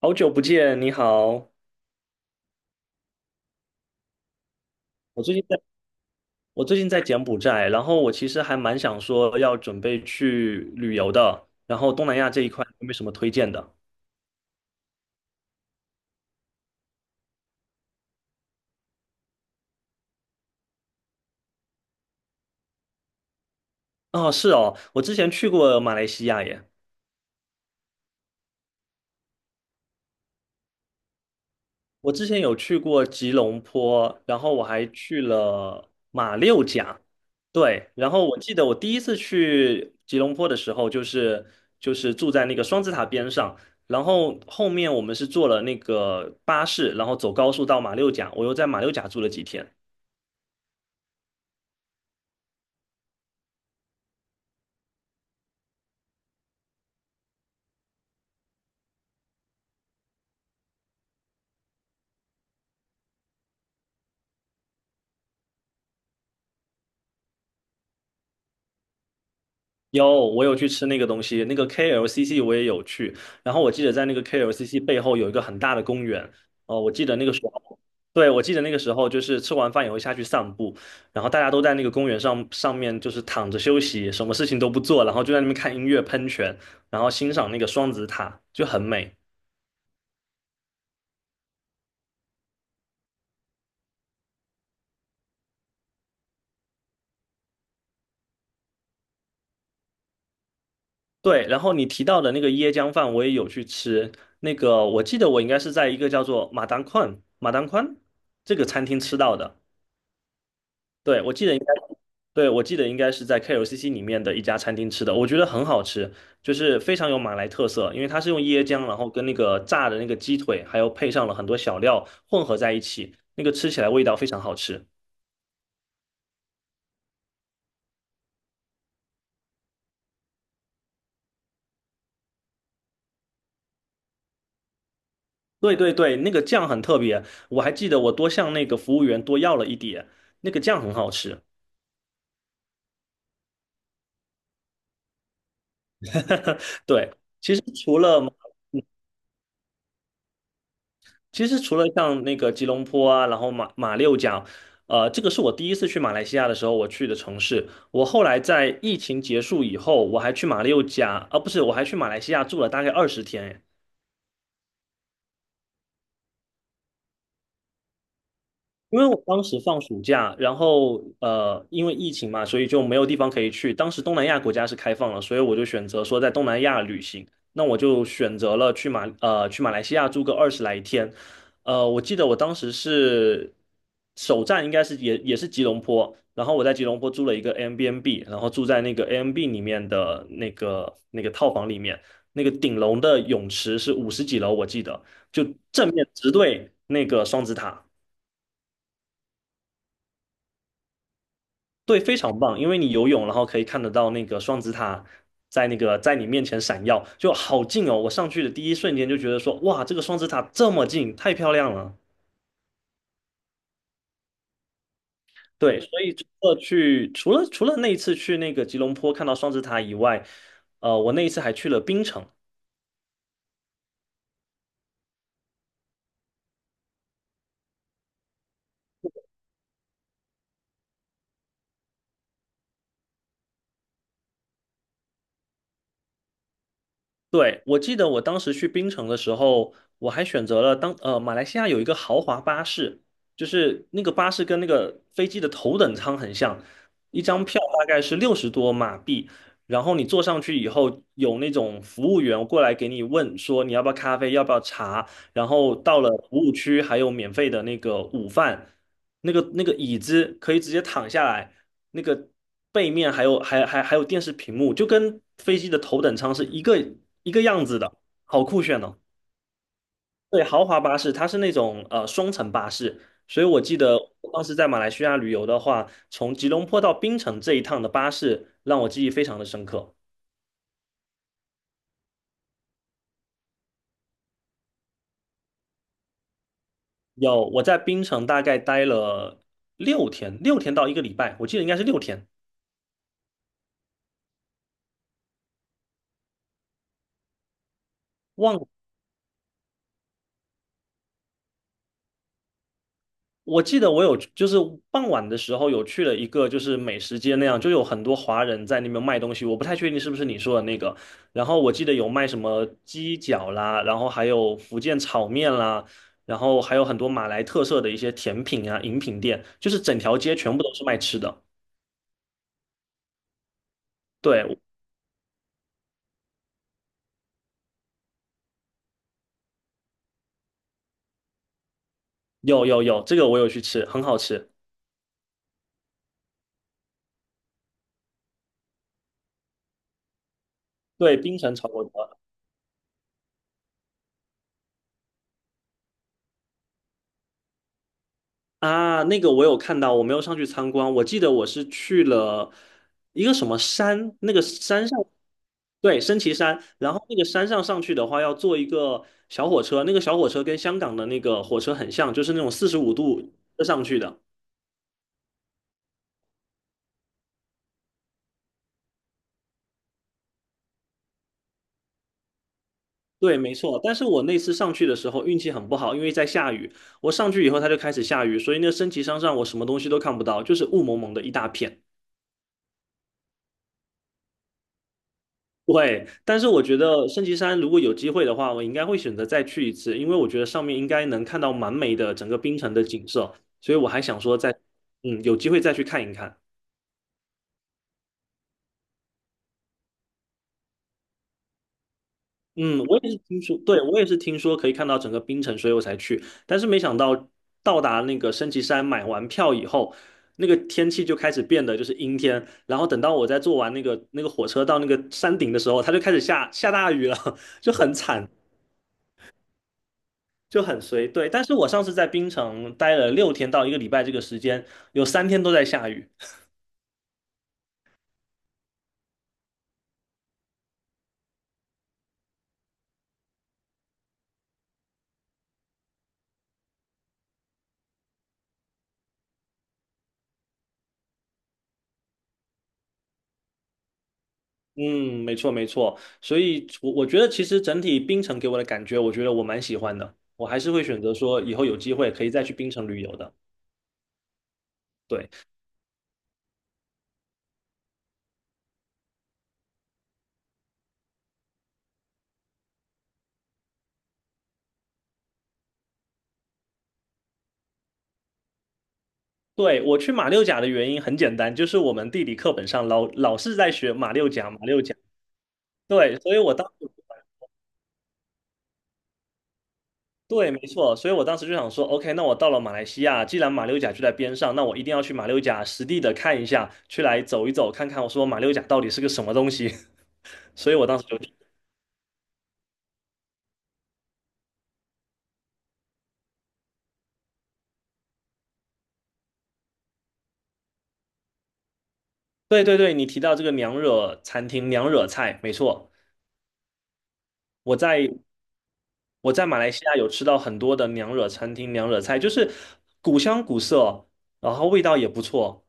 好久不见，你好。我最近在，我最近在柬埔寨，然后我其实还蛮想说要准备去旅游的，然后东南亚这一块有没有什么推荐的？哦，是哦，我之前去过马来西亚耶。我之前有去过吉隆坡，然后我还去了马六甲，对，然后我记得我第一次去吉隆坡的时候，就是住在那个双子塔边上，然后后面我们是坐了那个巴士，然后走高速到马六甲，我又在马六甲住了几天。有，我有去吃那个东西，那个 KLCC 我也有去。然后我记得在那个 KLCC 背后有一个很大的公园，哦，我记得那个时候，对，我记得那个时候就是吃完饭也会下去散步，然后大家都在那个公园上面就是躺着休息，什么事情都不做，然后就在那边看音乐喷泉，然后欣赏那个双子塔，就很美。对，然后你提到的那个椰浆饭我也有去吃，那个我记得我应该是在一个叫做马当宽这个餐厅吃到的。对，我记得应该，对，我记得应该是在 KLCC 里面的一家餐厅吃的，我觉得很好吃，就是非常有马来特色，因为它是用椰浆，然后跟那个炸的那个鸡腿，还有配上了很多小料混合在一起，那个吃起来味道非常好吃。对对对，那个酱很特别，我还记得我多向那个服务员多要了一点，那个酱很好吃。对，其实除了马其实除了像那个吉隆坡啊，然后马六甲，这个是我第一次去马来西亚的时候我去的城市。我后来在疫情结束以后，我还去马六甲，啊，不是，我还去马来西亚住了大概20天。因为我当时放暑假，然后因为疫情嘛，所以就没有地方可以去。当时东南亚国家是开放了，所以我就选择说在东南亚旅行。那我就选择了去马来西亚住个20来天。我记得我当时是首站应该是也是吉隆坡，然后我在吉隆坡租了一个 Airbnb，然后住在那个 Airbnb 里面的那个套房里面，那个顶楼的泳池是50几楼，我记得就正面直对那个双子塔。对，非常棒，因为你游泳，然后可以看得到那个双子塔在那个在你面前闪耀，就好近哦！我上去的第一瞬间就觉得说，哇，这个双子塔这么近，太漂亮了。对，所以除了那一次去那个吉隆坡看到双子塔以外，我那一次还去了槟城，对，我记得我当时去槟城的时候，我还选择了马来西亚有一个豪华巴士，就是那个巴士跟那个飞机的头等舱很像，一张票大概是60多马币，然后你坐上去以后，有那种服务员过来给你问说你要不要咖啡，要不要茶，然后到了服务区还有免费的那个午饭，那个椅子可以直接躺下来，那个背面还有电视屏幕，就跟飞机的头等舱是一个样子的，好酷炫哦！对，豪华巴士它是那种双层巴士，所以我记得我当时在马来西亚旅游的话，从吉隆坡到槟城这一趟的巴士让我记忆非常的深刻。有，我在槟城大概待了六天，六天到一个礼拜，我记得应该是六天。忘了。我记得我有就是傍晚的时候有去了一个就是美食街那样，就有很多华人在那边卖东西，我不太确定是不是你说的那个。然后我记得有卖什么鸡脚啦，然后还有福建炒面啦，然后还有很多马来特色的一些甜品啊、饮品店，就是整条街全部都是卖吃的。对，有有有，这个我有去吃，很好吃。对，冰城炒粿条。啊，那个我有看到，我没有上去参观。我记得我是去了一个什么山，那个山上，对，升旗山。然后那个山上上去的话，要坐一个小火车，那个小火车跟香港的那个火车很像，就是那种45度上去的。对，没错。但是我那次上去的时候运气很不好，因为在下雨。我上去以后，它就开始下雨，所以那个升旗山上我什么东西都看不到，就是雾蒙蒙的一大片。对，但是我觉得圣旗山如果有机会的话，我应该会选择再去一次，因为我觉得上面应该能看到蛮美的整个冰城的景色，所以我还想说再，有机会再去看一看。嗯，我也是听说，对，我也是听说可以看到整个冰城，所以我才去，但是没想到到达那个升旗山买完票以后，那个天气就开始变得就是阴天，然后等到我在坐完那个火车到那个山顶的时候，它就开始下大雨了，就很随对。但是我上次在槟城待了六天到一个礼拜这个时间，有3天都在下雨。嗯，没错没错。所以我觉得其实整体槟城给我的感觉，我觉得我蛮喜欢的。我还是会选择说以后有机会可以再去槟城旅游的。对，对，我去马六甲的原因很简单，就是我们地理课本上老是在学马六甲，马六甲。对，所以我当时。对，没错，所以我当时就想说，OK，那我到了马来西亚，既然马六甲就在边上，那我一定要去马六甲实地的看一下，去来走一走，看看我说马六甲到底是个什么东西。所以我当时就去，对对对，你提到这个娘惹餐厅、娘惹菜，没错，我在我在马来西亚有吃到很多的娘惹餐厅、娘惹菜，就是古香古色，然后味道也不错。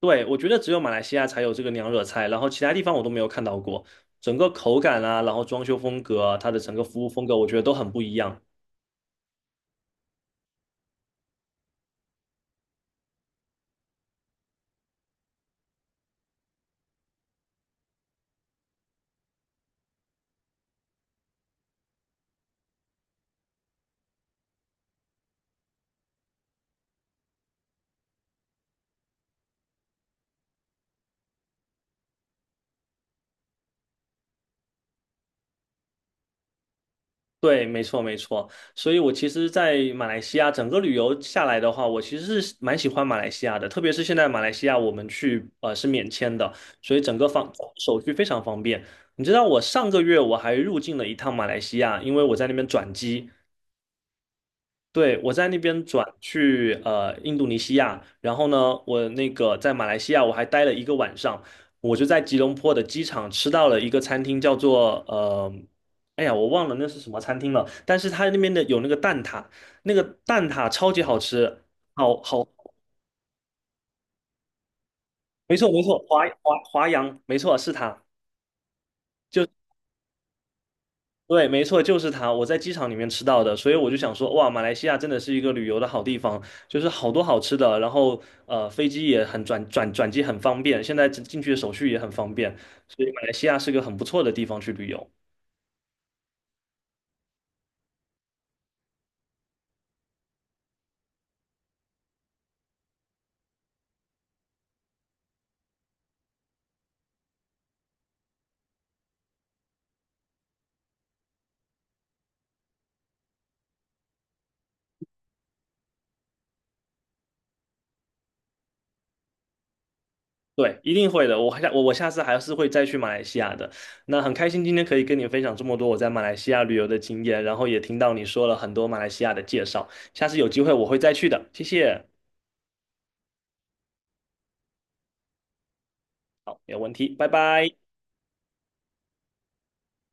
对，我觉得只有马来西亚才有这个娘惹菜，然后其他地方我都没有看到过。整个口感啊，然后装修风格啊它的整个服务风格，我觉得都很不一样。对，没错，没错。所以我其实，在马来西亚整个旅游下来的话，我其实是蛮喜欢马来西亚的，特别是现在马来西亚我们去是免签的，所以整个方手续非常方便。你知道我上个月我还入境了一趟马来西亚，因为我在那边转机。对，我在那边转去印度尼西亚，然后呢，我那个在马来西亚我还待了一个晚上，我就在吉隆坡的机场吃到了一个餐厅，叫做哎呀，我忘了那是什么餐厅了，但是它那边的有那个蛋挞，那个蛋挞超级好吃，好好，没错没错，华阳，没错是它。对，没错，就是它，我在机场里面吃到的，所以我就想说，哇，马来西亚真的是一个旅游的好地方，就是好多好吃的，然后飞机也很转机很方便，现在进去的手续也很方便，所以马来西亚是个很不错的地方去旅游。对，一定会的，我下次还是会再去马来西亚的。那很开心今天可以跟你分享这么多我在马来西亚旅游的经验，然后也听到你说了很多马来西亚的介绍，下次有机会我会再去的，谢谢。好，没有问题，拜拜。